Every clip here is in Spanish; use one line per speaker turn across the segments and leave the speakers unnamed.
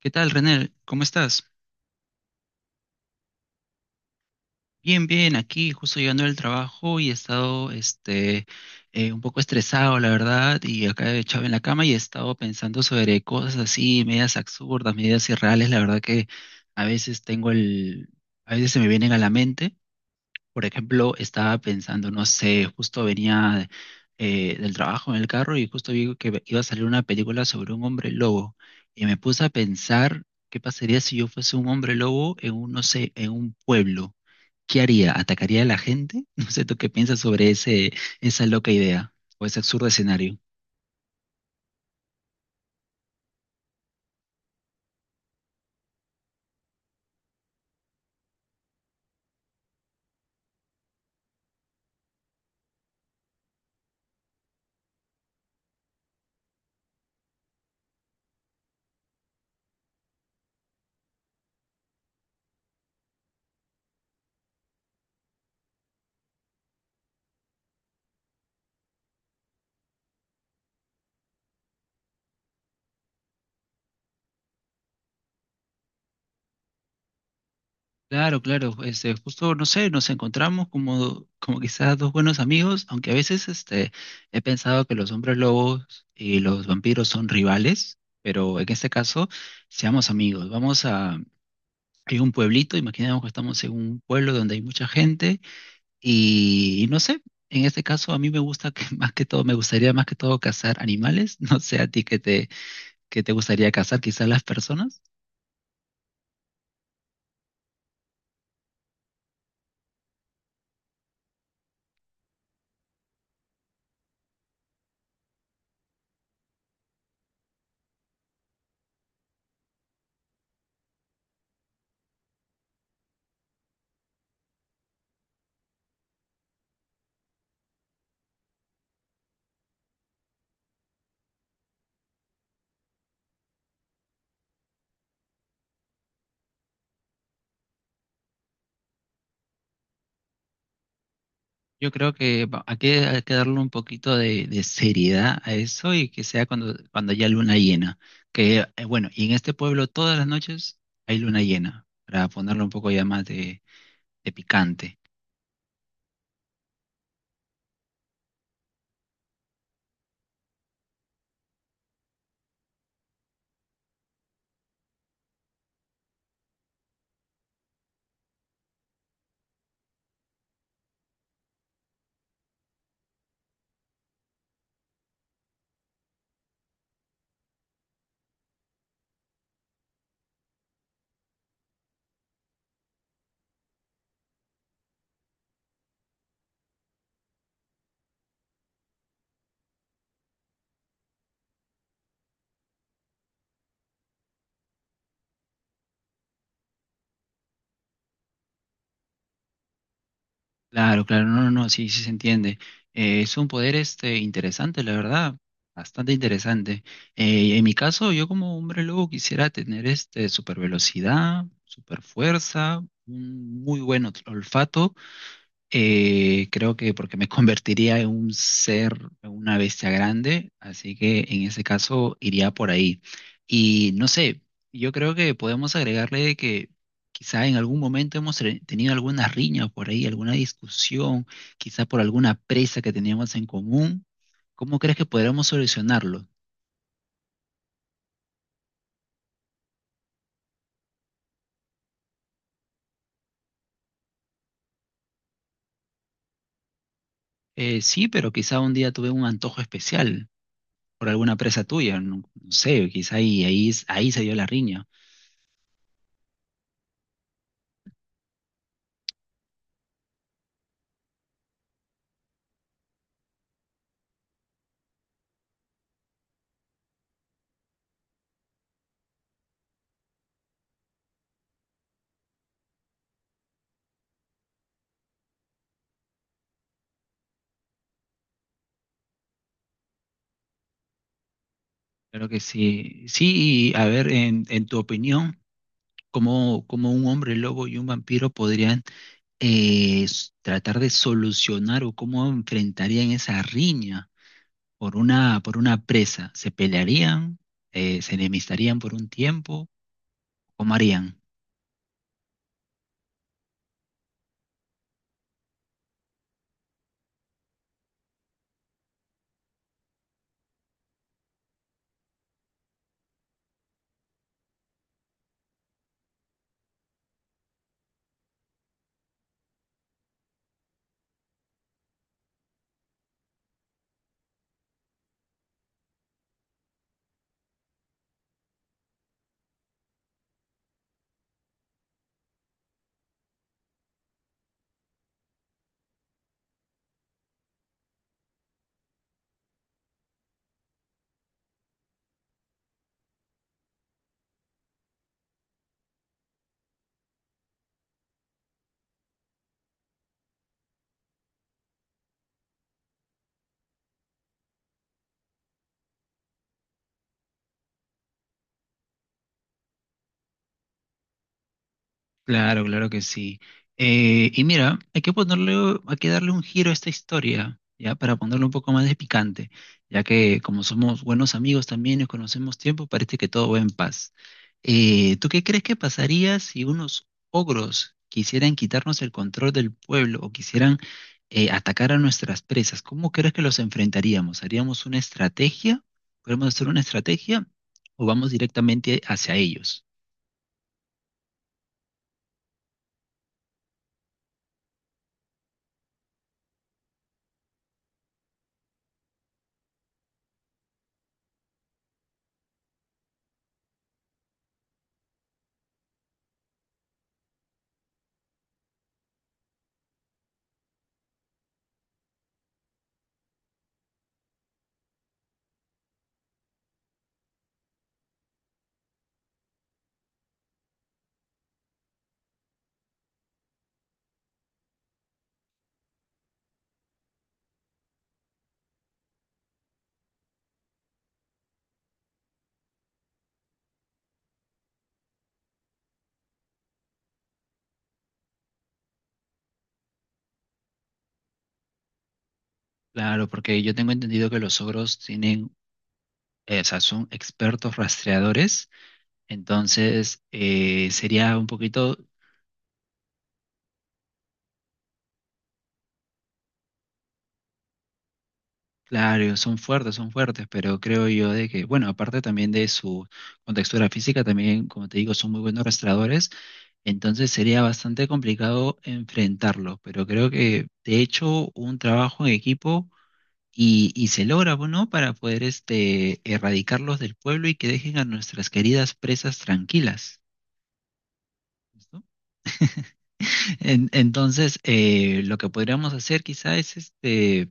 ¿Qué tal, René? ¿Cómo estás? Bien, bien, aquí justo llegando del trabajo y he estado un poco estresado, la verdad, y acá he echado en la cama y he estado pensando sobre cosas así, medias absurdas, medias irreales, la verdad que a veces tengo el, a veces se me vienen a la mente. Por ejemplo, estaba pensando, no sé, justo venía del trabajo en el carro y justo vi que iba a salir una película sobre un hombre lobo y me puse a pensar qué pasaría si yo fuese un hombre lobo en un, no sé, en un pueblo. ¿Qué haría? ¿Atacaría a la gente? No sé, ¿tú qué piensas sobre ese, esa loca idea o ese absurdo escenario? Claro, claro, este, justo, no sé, nos encontramos como, como quizás dos buenos amigos, aunque a veces este, he pensado que los hombres lobos y los vampiros son rivales, pero en este caso, seamos amigos. Vamos a, hay un pueblito, imaginemos que estamos en un pueblo donde hay mucha gente y no sé, en este caso a mí me gusta que más que todo, me gustaría más que todo cazar animales, no sé a ti que te gustaría cazar, quizás las personas. Yo creo que va- hay que darle un poquito de seriedad a eso y que sea cuando, cuando haya luna llena. Que bueno, y en este pueblo todas las noches hay luna llena, para ponerle un poco ya más de picante. Claro, claro, no, no, no, sí, sí se entiende. Es un poder este interesante, la verdad, bastante interesante. En mi caso, yo como hombre lobo quisiera tener este super velocidad, super fuerza, un muy buen olfato. Creo que porque me convertiría en un ser, en una bestia grande, así que en ese caso iría por ahí. Y no sé, yo creo que podemos agregarle de que quizá en algún momento hemos tenido alguna riña por ahí, alguna discusión, quizá por alguna presa que teníamos en común. ¿Cómo crees que podremos solucionarlo? Sí, pero quizá un día tuve un antojo especial por alguna presa tuya, no, no sé, quizá ahí, ahí se dio la riña. Claro que sí. Sí, y a ver, en tu opinión, ¿cómo, cómo un hombre lobo y un vampiro podrían tratar de solucionar o cómo enfrentarían esa riña por una presa? ¿Se pelearían? ¿Se enemistarían por un tiempo? ¿Cómo harían? Claro, claro que sí. Y mira, hay que ponerle, hay que darle un giro a esta historia, ¿ya? Para ponerle un poco más de picante, ya que como somos buenos amigos también y conocemos tiempo, parece que todo va en paz. ¿Tú qué crees que pasaría si unos ogros quisieran quitarnos el control del pueblo o quisieran atacar a nuestras presas? ¿Cómo crees que los enfrentaríamos? ¿Haríamos una estrategia? ¿Podemos hacer una estrategia o vamos directamente hacia ellos? Claro, porque yo tengo entendido que los ogros tienen, o sea, son expertos rastreadores, entonces sería un poquito, claro, son fuertes, pero creo yo de que, bueno, aparte también de su contextura física, también, como te digo, son muy buenos rastreadores, entonces sería bastante complicado enfrentarlo, pero creo que de hecho un trabajo en equipo y se logra, ¿no? Para poder este, erradicarlos del pueblo y que dejen a nuestras queridas presas tranquilas. ¿No? Entonces, lo que podríamos hacer quizá es este,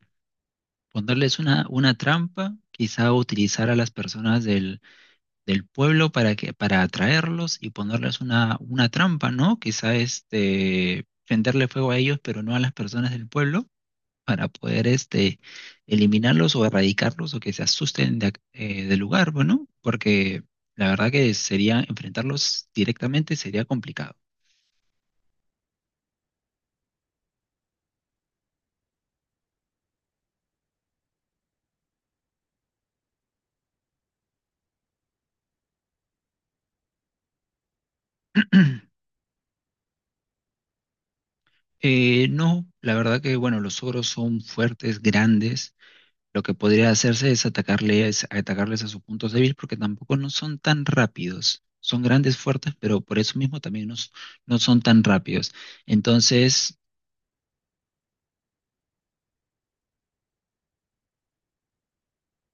ponerles una trampa, quizá utilizar a las personas del, del pueblo para que, para atraerlos y ponerles una trampa, ¿no? Quizá este, prenderle fuego a ellos, pero no a las personas del pueblo, para poder este, eliminarlos o erradicarlos o que se asusten de del lugar, bueno, porque la verdad que sería enfrentarlos directamente sería complicado. No, la verdad que bueno, los ogros son fuertes, grandes. Lo que podría hacerse es atacarles, atacarles a sus puntos débiles porque tampoco no son tan rápidos. Son grandes, fuertes, pero por eso mismo también no, no son tan rápidos. Entonces,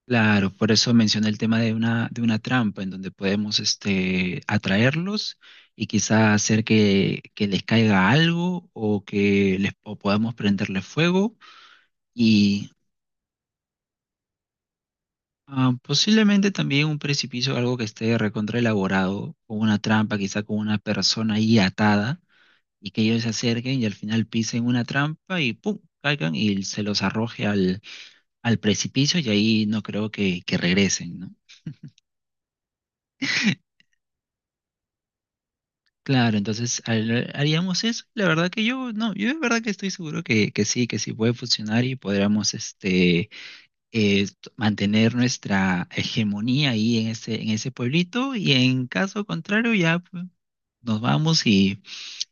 claro, por eso mencioné el tema de una trampa en donde podemos este, atraerlos y quizá hacer que les caiga algo o que les o podamos prenderle fuego. Ah, posiblemente también un precipicio, algo que esté recontra elaborado, con una trampa, quizá con una persona ahí atada, y que ellos se acerquen y al final pisen una trampa y ¡pum! Caigan y se los arroje al, al precipicio y ahí no creo que regresen, ¿no? Claro, entonces haríamos eso. La verdad que yo, no, yo de verdad que estoy seguro que sí puede funcionar y podríamos este, mantener nuestra hegemonía ahí en ese pueblito y en caso contrario ya, pues, nos vamos y,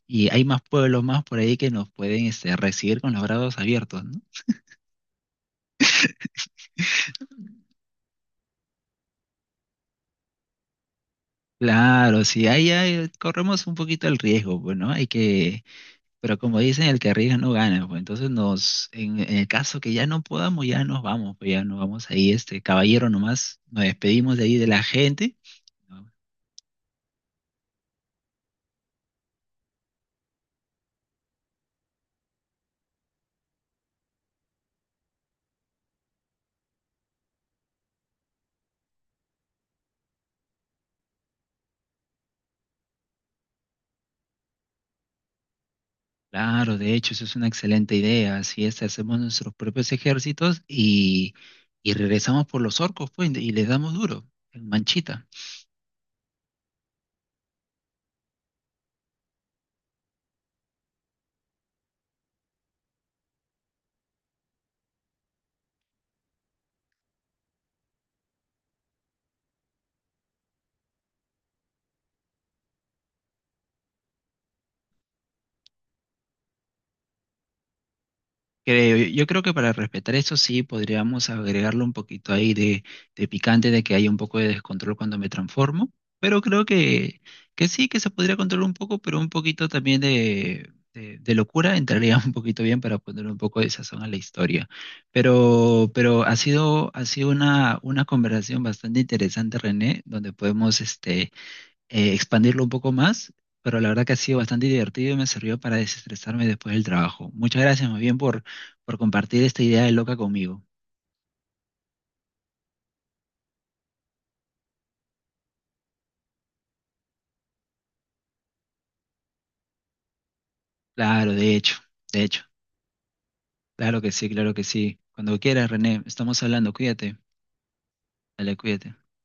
y hay más pueblos más por ahí que nos pueden este, recibir con los brazos abiertos, ¿no? Claro, sí, ahí, ahí corremos un poquito el riesgo, pues, ¿no? Hay que, pero como dicen, el que arriesga no gana, pues entonces nos, en el caso que ya no podamos, ya nos vamos, pues ya nos vamos ahí, este caballero nomás, nos despedimos de ahí de la gente. ¿No? Claro, de hecho, eso es una excelente idea, así es, hacemos nuestros propios ejércitos y regresamos por los orcos, pues, y les damos duro, en manchita. Creo, yo creo que para respetar eso sí podríamos agregarle un poquito ahí de picante, de que haya un poco de descontrol cuando me transformo, pero creo que sí, que se podría controlar un poco, pero un poquito también de locura entraría un poquito bien para poner un poco de sazón a la historia. Pero ha sido una conversación bastante interesante, René, donde podemos este, expandirlo un poco más, pero la verdad que ha sido bastante divertido y me sirvió para desestresarme después del trabajo. Muchas gracias más bien por compartir esta idea de loca conmigo. Claro, de hecho, de hecho. Claro que sí, claro que sí. Cuando quieras, René, estamos hablando, cuídate. Dale, cuídate.